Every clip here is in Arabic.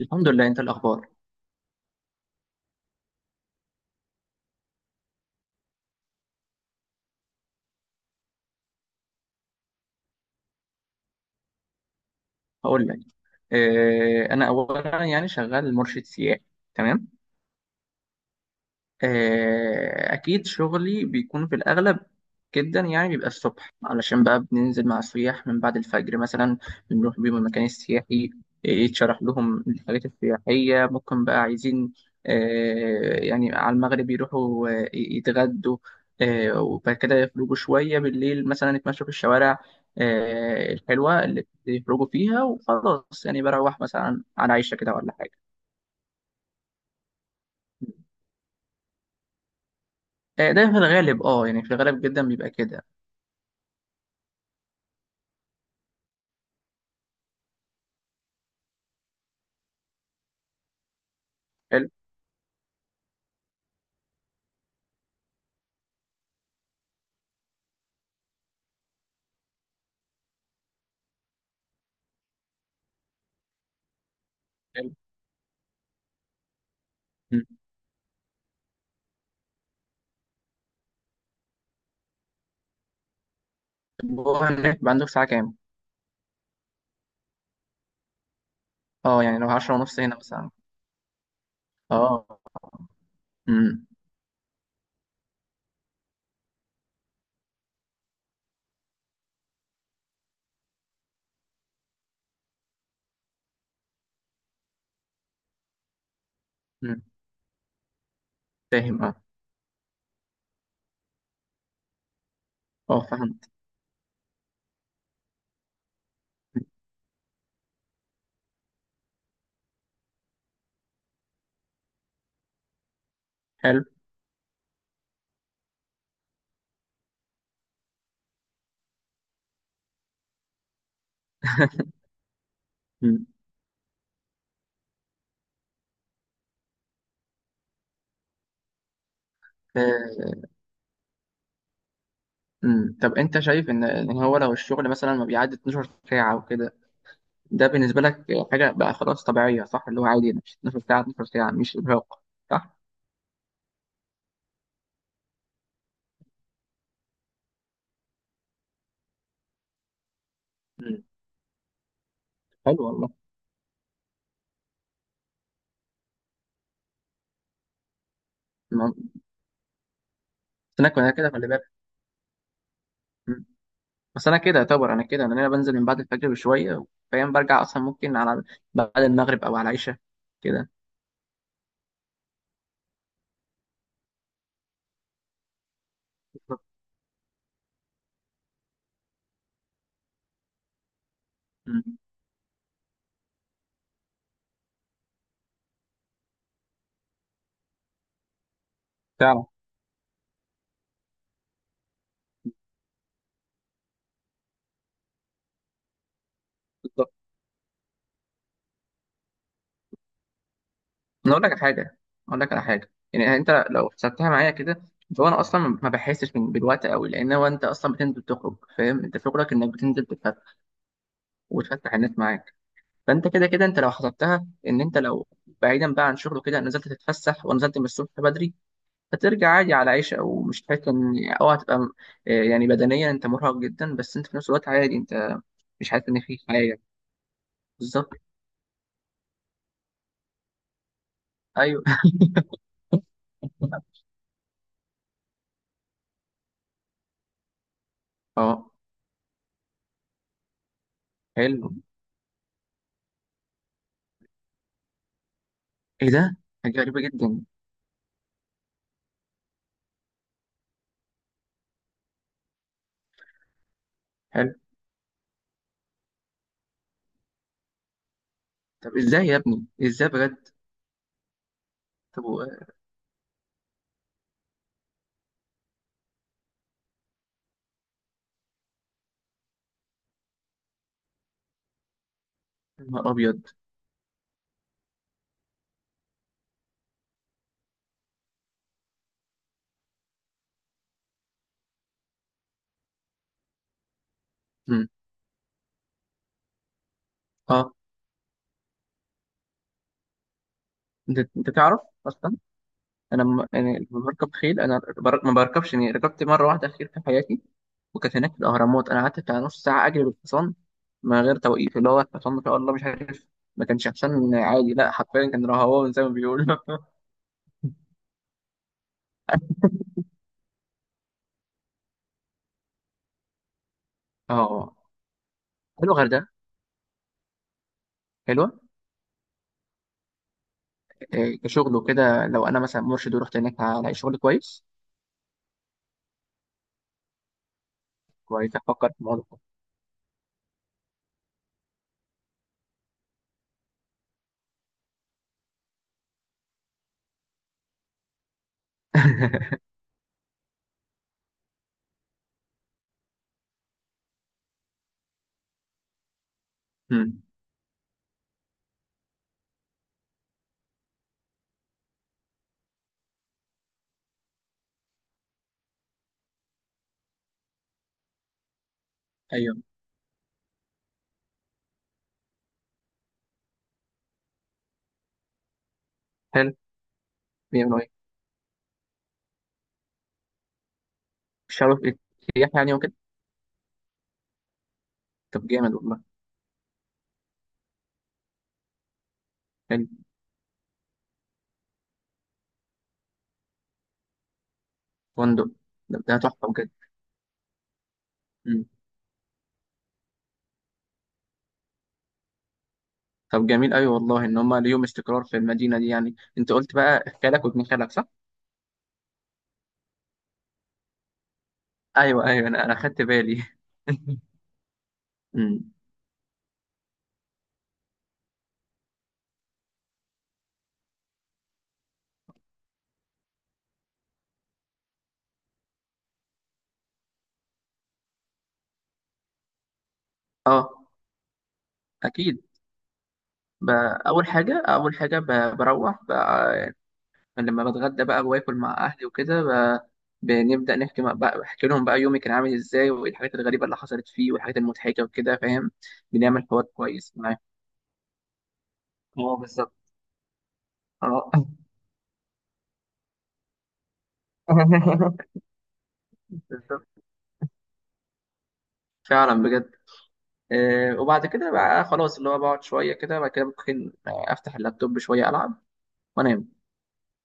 الحمد لله. انت الاخبار؟ هقول لك. اه انا اولا يعني شغال مرشد سياحي. تمام. أكيد شغلي بيكون في الأغلب جدا، يعني بيبقى الصبح علشان بقى بننزل مع السياح من بعد الفجر مثلا. بنروح بيهم المكان السياحي. يتشرح لهم الحاجات السياحية، ممكن بقى عايزين. يعني على المغرب يروحوا يتغدوا. وبعد كده يخرجوا شوية بالليل، مثلا يتمشوا في الشوارع الحلوة اللي يخرجوا فيها. وخلاص يعني بروح مثلا على عيشة كده ولا حاجة. ده في الغالب، يعني في الغالب جدا بيبقى كده. حلو. مم. طب هو هناك بيبقى عندك ساعة كام؟ اه، يعني لو 10:30 هنا مثلا. اه. امم. امم. فاهم، اه. اه، فاهم. حلو. مم. آه. مم. طب انت شايف ان هو لو الشغل مثلا ما بيعدي 12 ساعة وكده ده بالنسبة لك حاجة بقى خلاص طبيعية، صح؟ اللي هو عادي ده مش 12 ساعة، 12 ساعة مش إرهاق، صح؟ مم. حلو والله. ما- أنا كده خلي بالك. مم. بس انا كده يعتبر، انا كده لأن انا بنزل من بعد الفجر بشوية، فاهم؟ برجع اصلا ممكن على بعد المغرب او على العشاء كده. مم. فعلا. بالظبط. انا اقول لك على حاجه، اقول لك على حاجه، يعني انت لو حسبتها معايا كده، فهو انا اصلا ما بحسش بالوقت قوي، لان هو انت اصلا بتنزل تخرج، فاهم؟ انت شغلك انك بتنزل تتفتح وتفتح الناس معاك. فانت كده كده، انت لو حسبتها ان انت لو بعيدا بقى عن شغله كده، نزلت تتفسح ونزلت من الصبح بدري، هترجع عادي على عيشه او مش تحس ان او هتبقى. يعني بدنيا انت مرهق جدا، بس انت في نفس الوقت عادي، انت مش حاسس ان في حاجه. بالظبط. ايوه. اه. حلو. ايه ده؟ حاجه غريبه جدا. طب ازاي يا ابني؟ ازاي بجد؟ طب. يا نهار ابيض. مم. اه. انت تعرف اصلا. انا لما بركب خيل ما بركبش. يعني ركبت مره واحده خيل في حياتي، وكانت هناك في الاهرامات. انا قعدت بتاع نص ساعه اجري بالحصان من غير توقيف، اللي هو الحصان ما شاء الله، مش عارف، ما كانش حصان عادي، لا حرفيا كان رهوان زي ما بيقولوا. اه. حلو غير ده؟ حلوه. إيه، كشغل وكده لو انا مثلا مرشد ورحت هناك هلاقي شغل كويس؟ كويس، افكر في الموضوع. مم. ايوه. حلو. بيعملوا إيه؟ مش عارف ايه، سياح يعني وكده؟ طب جامد والله. حلو. فندق. ده تحفه بجد. مم. طب جميل أوي والله ان هم ليهم استقرار في المدينه دي. يعني انت قلت بقى خالك وابن خالك، صح؟ ايوه، ايوه، انا خدت بالي. مم. اه اكيد. ب- اول حاجه، بروح بقى لما بتغدى، بقى واكل مع اهلي وكده. بنبدا نحكي، بقى بحكي لهم بقى يومي كان عامل ازاي، وايه الحاجات الغريبه اللي حصلت فيه والحاجات المضحكه وكده، فاهم؟ بنعمل حوار كويس معاهم. اه بالظبط. اه. بالظبط. فعلا بجد. وبعد كده بقى خلاص اللي هو بقعد شويه كده، بعد كده ممكن افتح اللابتوب شويه العب وانام.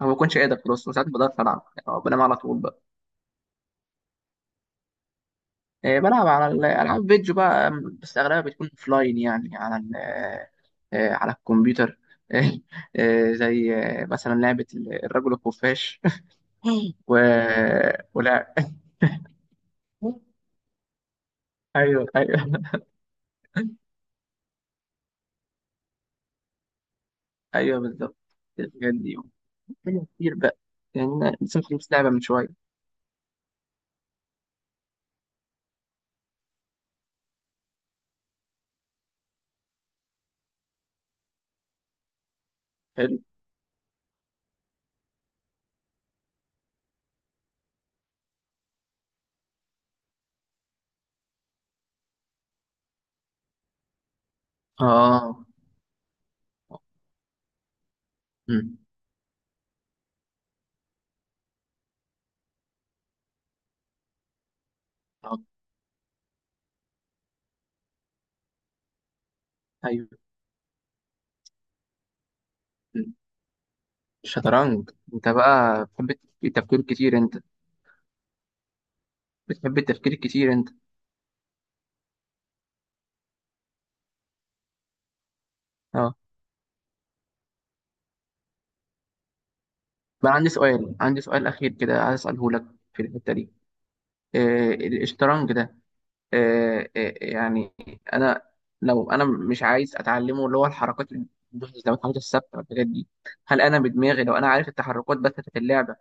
أنا ما بكونش قادر خلاص، ساعات ما بقدرش العب، يعني بنام على طول بقى. بلعب على الالعاب فيديو بقى، بس اغلبها بتكون اوفلاين، يعني على على الكمبيوتر. زي مثلا لعبه الرجل الخفاش. و... ولا؟ ايوه، ايوه. ايوه بالظبط، الحاجات دي، حاجة كتير بقى. يعني أنا لسه مخلص لعبة من شوية. حلو. آه. أمم. آه. أيوه. أمم. الشطرنج أنت بقى، بتحب التفكير كتير أنت بتحب التفكير كتير أنت؟ آه. بقى عندي سؤال أخير كده عايز أسأله لك في الحتة دي. آه، الشطرنج ده، يعني، أنا لو أنا مش عايز أتعلمه، اللي هو الحركات الثابتة والحاجات دي، هل أنا بدماغي لو أنا عارف التحركات بس في اللعبة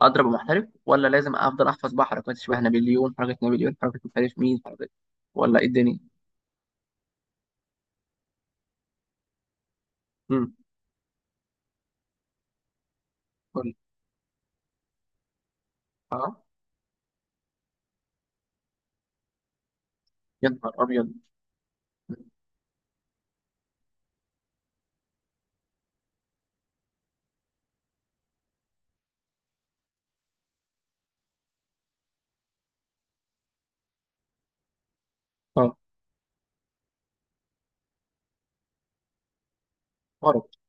اضرب محترف، ولا لازم افضل احفظ بقى حركات شبه نابليون، حركه نابليون، حركه مش عارف مين، حركه ولا ايه الدنيا؟ امم. قول لي. اه. يا نهار ابيض. اه.